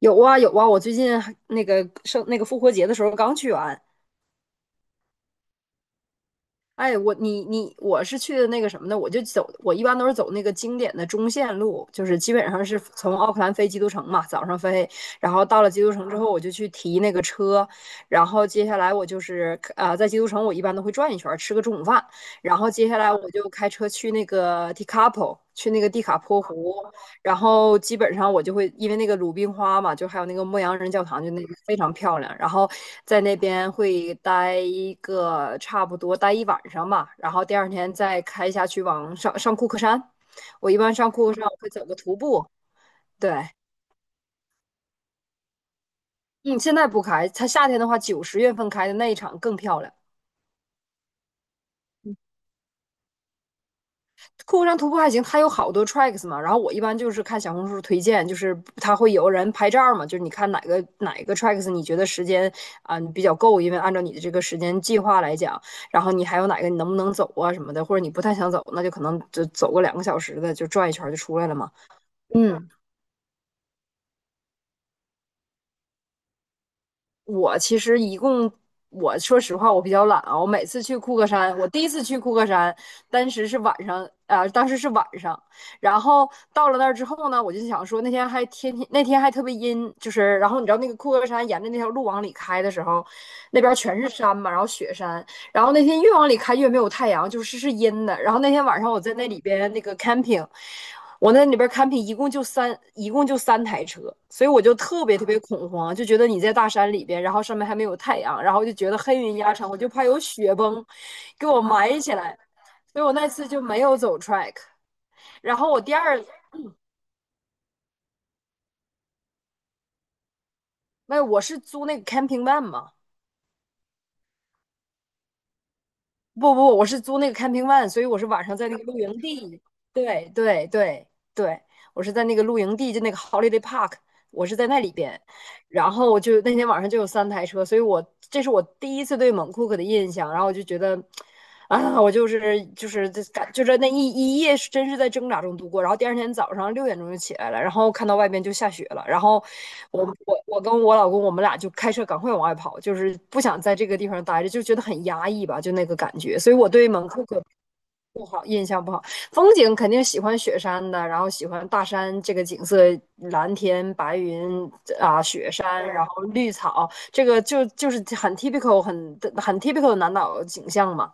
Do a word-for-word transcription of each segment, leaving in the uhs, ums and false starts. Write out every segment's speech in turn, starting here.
有啊有啊，我最近还那个生那个复活节的时候刚去完。哎，我你你我是去的那个什么呢？我就走，我一般都是走那个经典的中线路，就是基本上是从奥克兰飞基督城嘛，早上飞，然后到了基督城之后，我就去提那个车，然后接下来我就是呃在基督城我一般都会转一圈儿，吃个中午饭，然后接下来我就开车去那个 t i c a p o 去那个蒂卡坡湖，然后基本上我就会因为那个鲁冰花嘛，就还有那个牧羊人教堂，就那个非常漂亮。然后在那边会待一个差不多待一晚上吧，然后第二天再开下去往上上库克山。我一般上库克山我会走个徒步。对，嗯，现在不开，它夏天的话，九十月份开的那一场更漂亮。客户上徒步还行，它有好多 tracks 嘛。然后我一般就是看小红书推荐，就是它会有人拍照嘛，就是你看哪个哪个 tracks 你觉得时间啊、你比较够，因为按照你的这个时间计划来讲，然后你还有哪个你能不能走啊什么的，或者你不太想走，那就可能就走个两个小时的就转一圈就出来了嘛。嗯，我其实一共，我说实话，我比较懒啊。我每次去库克山，我第一次去库克山，当时是晚上，啊、当时是晚上。然后到了那儿之后呢，我就想说，那天还天天，那天还特别阴，就是，然后你知道那个库克山沿着那条路往里开的时候，那边全是山嘛，然后雪山。然后那天越往里开越没有太阳，就是是阴的。然后那天晚上我在那里边那个 camping,我在那里边 camping 一共就三，一共就三台车，所以我就特别特别恐慌，就觉得你在大山里边，然后上面还没有太阳，然后就觉得黑云压城，我就怕有雪崩给我埋起来，所以我那次就没有走 track。然后我第二，那我是租那个 camping van 嘛，不不，我是租那个 camping van,所以我是晚上在那个露营地。对对对对，我是在那个露营地，就那个 holiday park,我是在那里边。然后就那天晚上就有三台车，所以我这是我第一次对蒙库克的印象。然后我就觉得，啊，我就是就是这感就是那一一夜是真是在挣扎中度过。然后第二天早上六点钟就起来了，然后看到外边就下雪了，然后我我我跟我老公我们俩就开车赶快往外跑，就是不想在这个地方待着，就觉得很压抑吧，就那个感觉。所以我对蒙库克风景肯定喜欢雪山的，然后喜欢大山这个景色，蓝天白云啊，雪山，然后绿草，这个就就是很 typical 很很 typical 的南岛景象嘛。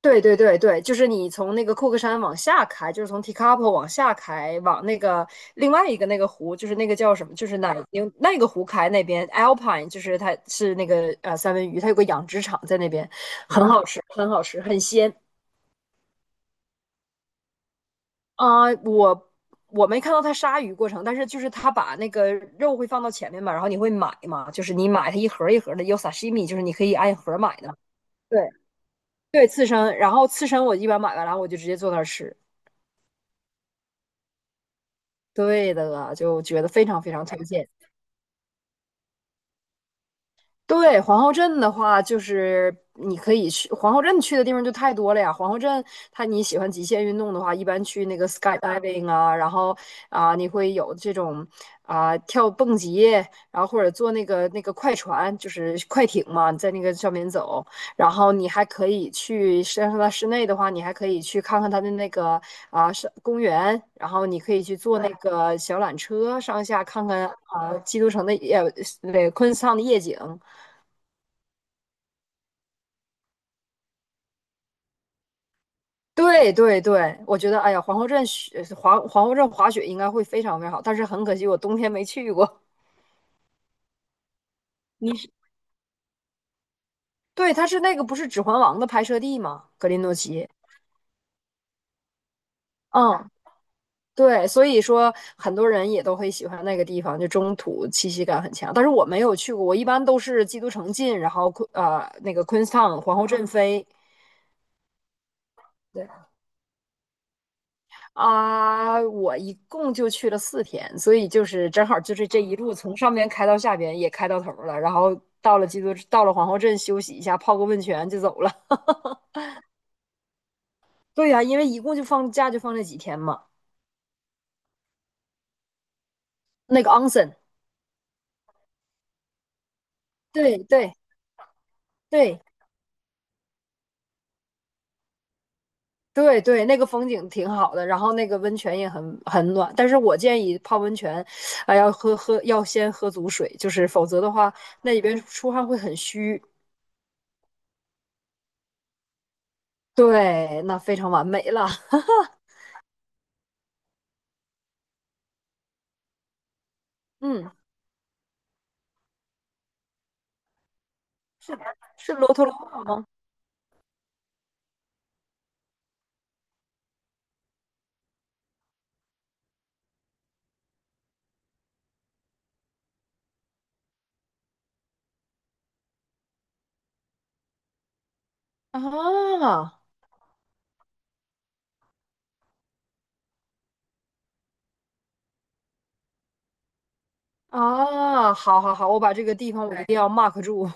对对对对，就是你从那个库克山往下开，就是从 Tekapo 往下开，往那个另外一个那个湖，就是那个叫什么，就是奶牛那个湖开那边 Alpine,就是它是那个呃三文鱼，它有个养殖场在那边，很好吃，很好吃，很鲜。啊、我我没看到他杀鱼过程，但是就是他把那个肉会放到前面嘛，然后你会买嘛，就是你买它一盒一盒的，有 sashimi,就是你可以按盒买的嘛对对，刺身，然后刺身我一般买完了我就直接坐那儿吃。对的，就觉得非常非常推荐。对，皇后镇的话，就是你可以去皇后镇去的地方就太多了呀。皇后镇，它你喜欢极限运动的话，一般去那个 skydiving 啊，然后啊、你会有这种啊、跳蹦极，然后或者坐那个那个快船，就是快艇嘛，在那个上面走。然后你还可以去，实际上它室内的话，你还可以去看看它的那个啊、是公园，然后你可以去坐那个小缆车上下看看啊、基督城的夜，对，昆士兰的夜景。对对对，我觉得，哎呀，皇后镇雪皇皇后镇滑雪应该会非常非常好，但是很可惜我冬天没去过。对，它是那个不是《指环王》的拍摄地吗？格林诺奇。嗯，对，所以说很多人也都会喜欢那个地方，就中土气息感很强。但是我没有去过，我一般都是基督城进，然后昆呃那个 Queenstown 皇后镇飞。对。啊，我一共就去了四天，所以就是正好就是这一路从上边开到下边，也开到头了，然后到了基督，到了皇后镇休息一下，泡个温泉就走了。对呀，因为一共就放假就放这几天嘛。那个 onsen,对对对对对，那个风景挺好的，然后那个温泉也很很暖。但是我建议泡温泉，啊、要喝喝要先喝足水，就是否则的话，那里边出汗会很虚。对，那非常完美了。嗯。是是罗特罗瓦吗？啊啊，好好好，我把这个地方我一定要 mark 住。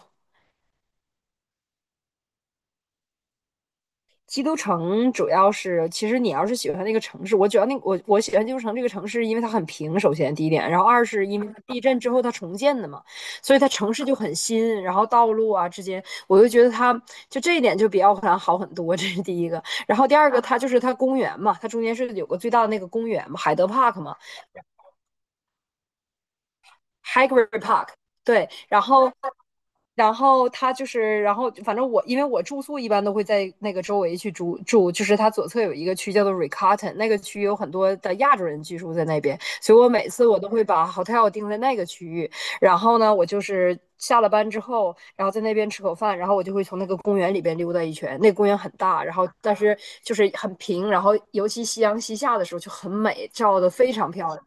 基督城主要是，其实你要是喜欢那个城市，我主要那我我喜欢基督城这个城市，因为它很平，首先第一点，然后二是因为它地震之后它重建的嘛，所以它城市就很新，然后道路啊之间，我就觉得它就这一点就比奥克兰好很多，这是第一个。然后第二个，它就是它公园嘛，它中间是有个最大的那个公园嘛，海德 Park 嘛。Hagrid Park,对，然后，然后他就是，然后反正我因为我住宿一般都会在那个周围去住住，就是它左侧有一个区叫做 Riccarton,那个区有很多的亚洲人居住在那边，所以我每次我都会把 hotel 定在那个区域，然后呢，我就是下了班之后，然后在那边吃口饭，然后我就会从那个公园里边溜达一圈，那个公园很大，然后但是就是很平，然后尤其夕阳西下的时候就很美，照的非常漂亮。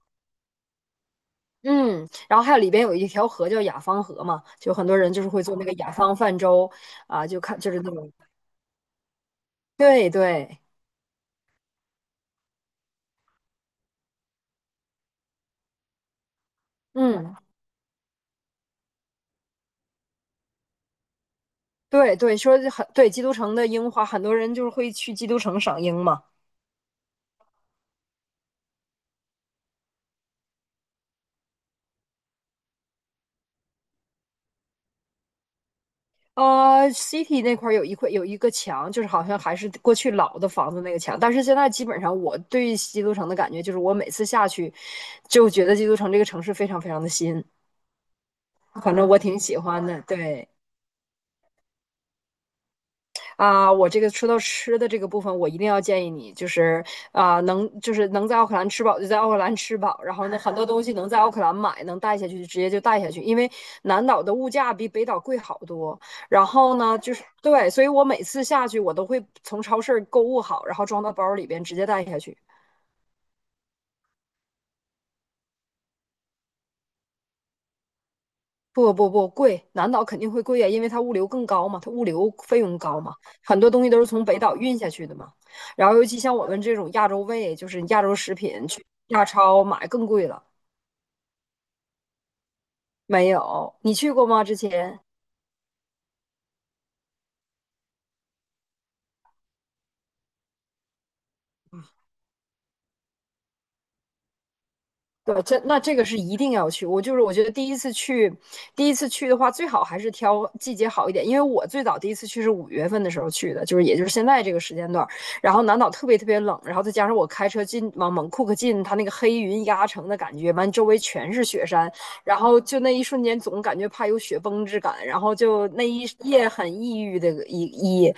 嗯，然后还有里边有一条河叫雅芳河嘛，就很多人就是会做那个雅芳泛舟啊，就看就是那种，对对，嗯，对对，说很对基督城的樱花，很多人就是会去基督城赏樱嘛。呃，City 那块儿有一块有一个墙，就是好像还是过去老的房子那个墙，但是现在基本上我对基督城的感觉就是，我每次下去就觉得基督城这个城市非常非常的新，反正我挺喜欢的，对。啊、我这个说到吃的这个部分，我一定要建议你，就是啊、能就是能在奥克兰吃饱就在奥克兰吃饱，然后呢，很多东西能在奥克兰买，能带下去就直接就带下去，因为南岛的物价比北岛贵好多。然后呢，就是对，所以我每次下去，我都会从超市购物好，然后装到包里边直接带下去。不不不贵，南岛肯定会贵呀，因为它物流更高嘛，它物流费用高嘛，很多东西都是从北岛运下去的嘛。然后尤其像我们这种亚洲胃，就是亚洲食品，去亚超买更贵了。没有，你去过吗？之前？对，这那这个是一定要去。我就是我觉得第一次去，第一次去的话，最好还是挑季节好一点。因为我最早第一次去是五月份的时候去的，就是也就是现在这个时间段然后南岛特别特别冷，然后再加上我开车进往猛库克进，它那个黑云压城的感觉，完周围全是雪山，然后就那一瞬间总感觉怕有雪崩之感，然后就那一夜很抑郁的一一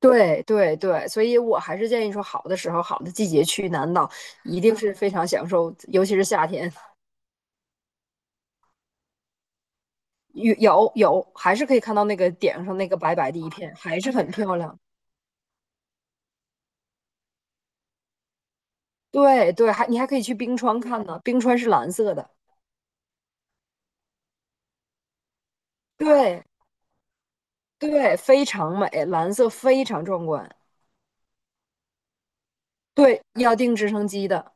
对对对，所以我还是建议说，好的时候、好的季节去南岛，一定是非常享受，尤其是夏天，有有有，还是可以看到那个顶上那个白白的一片，还是很漂亮。对对，还你还可以去冰川看呢，冰川是蓝色的，对对，非常美，蓝色非常壮观。对，要订直升机的，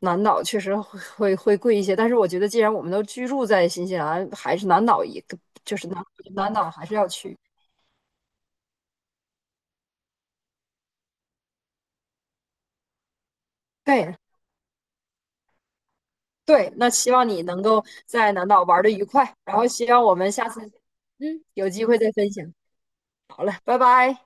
南岛确实会会会贵一些，但是我觉得既然我们都居住在新西兰，还是南岛一个，就是南南岛还是要去。对，对，那希望你能够在南岛玩的愉快，然后希望我们下次嗯，有机会再分享。好了，拜拜。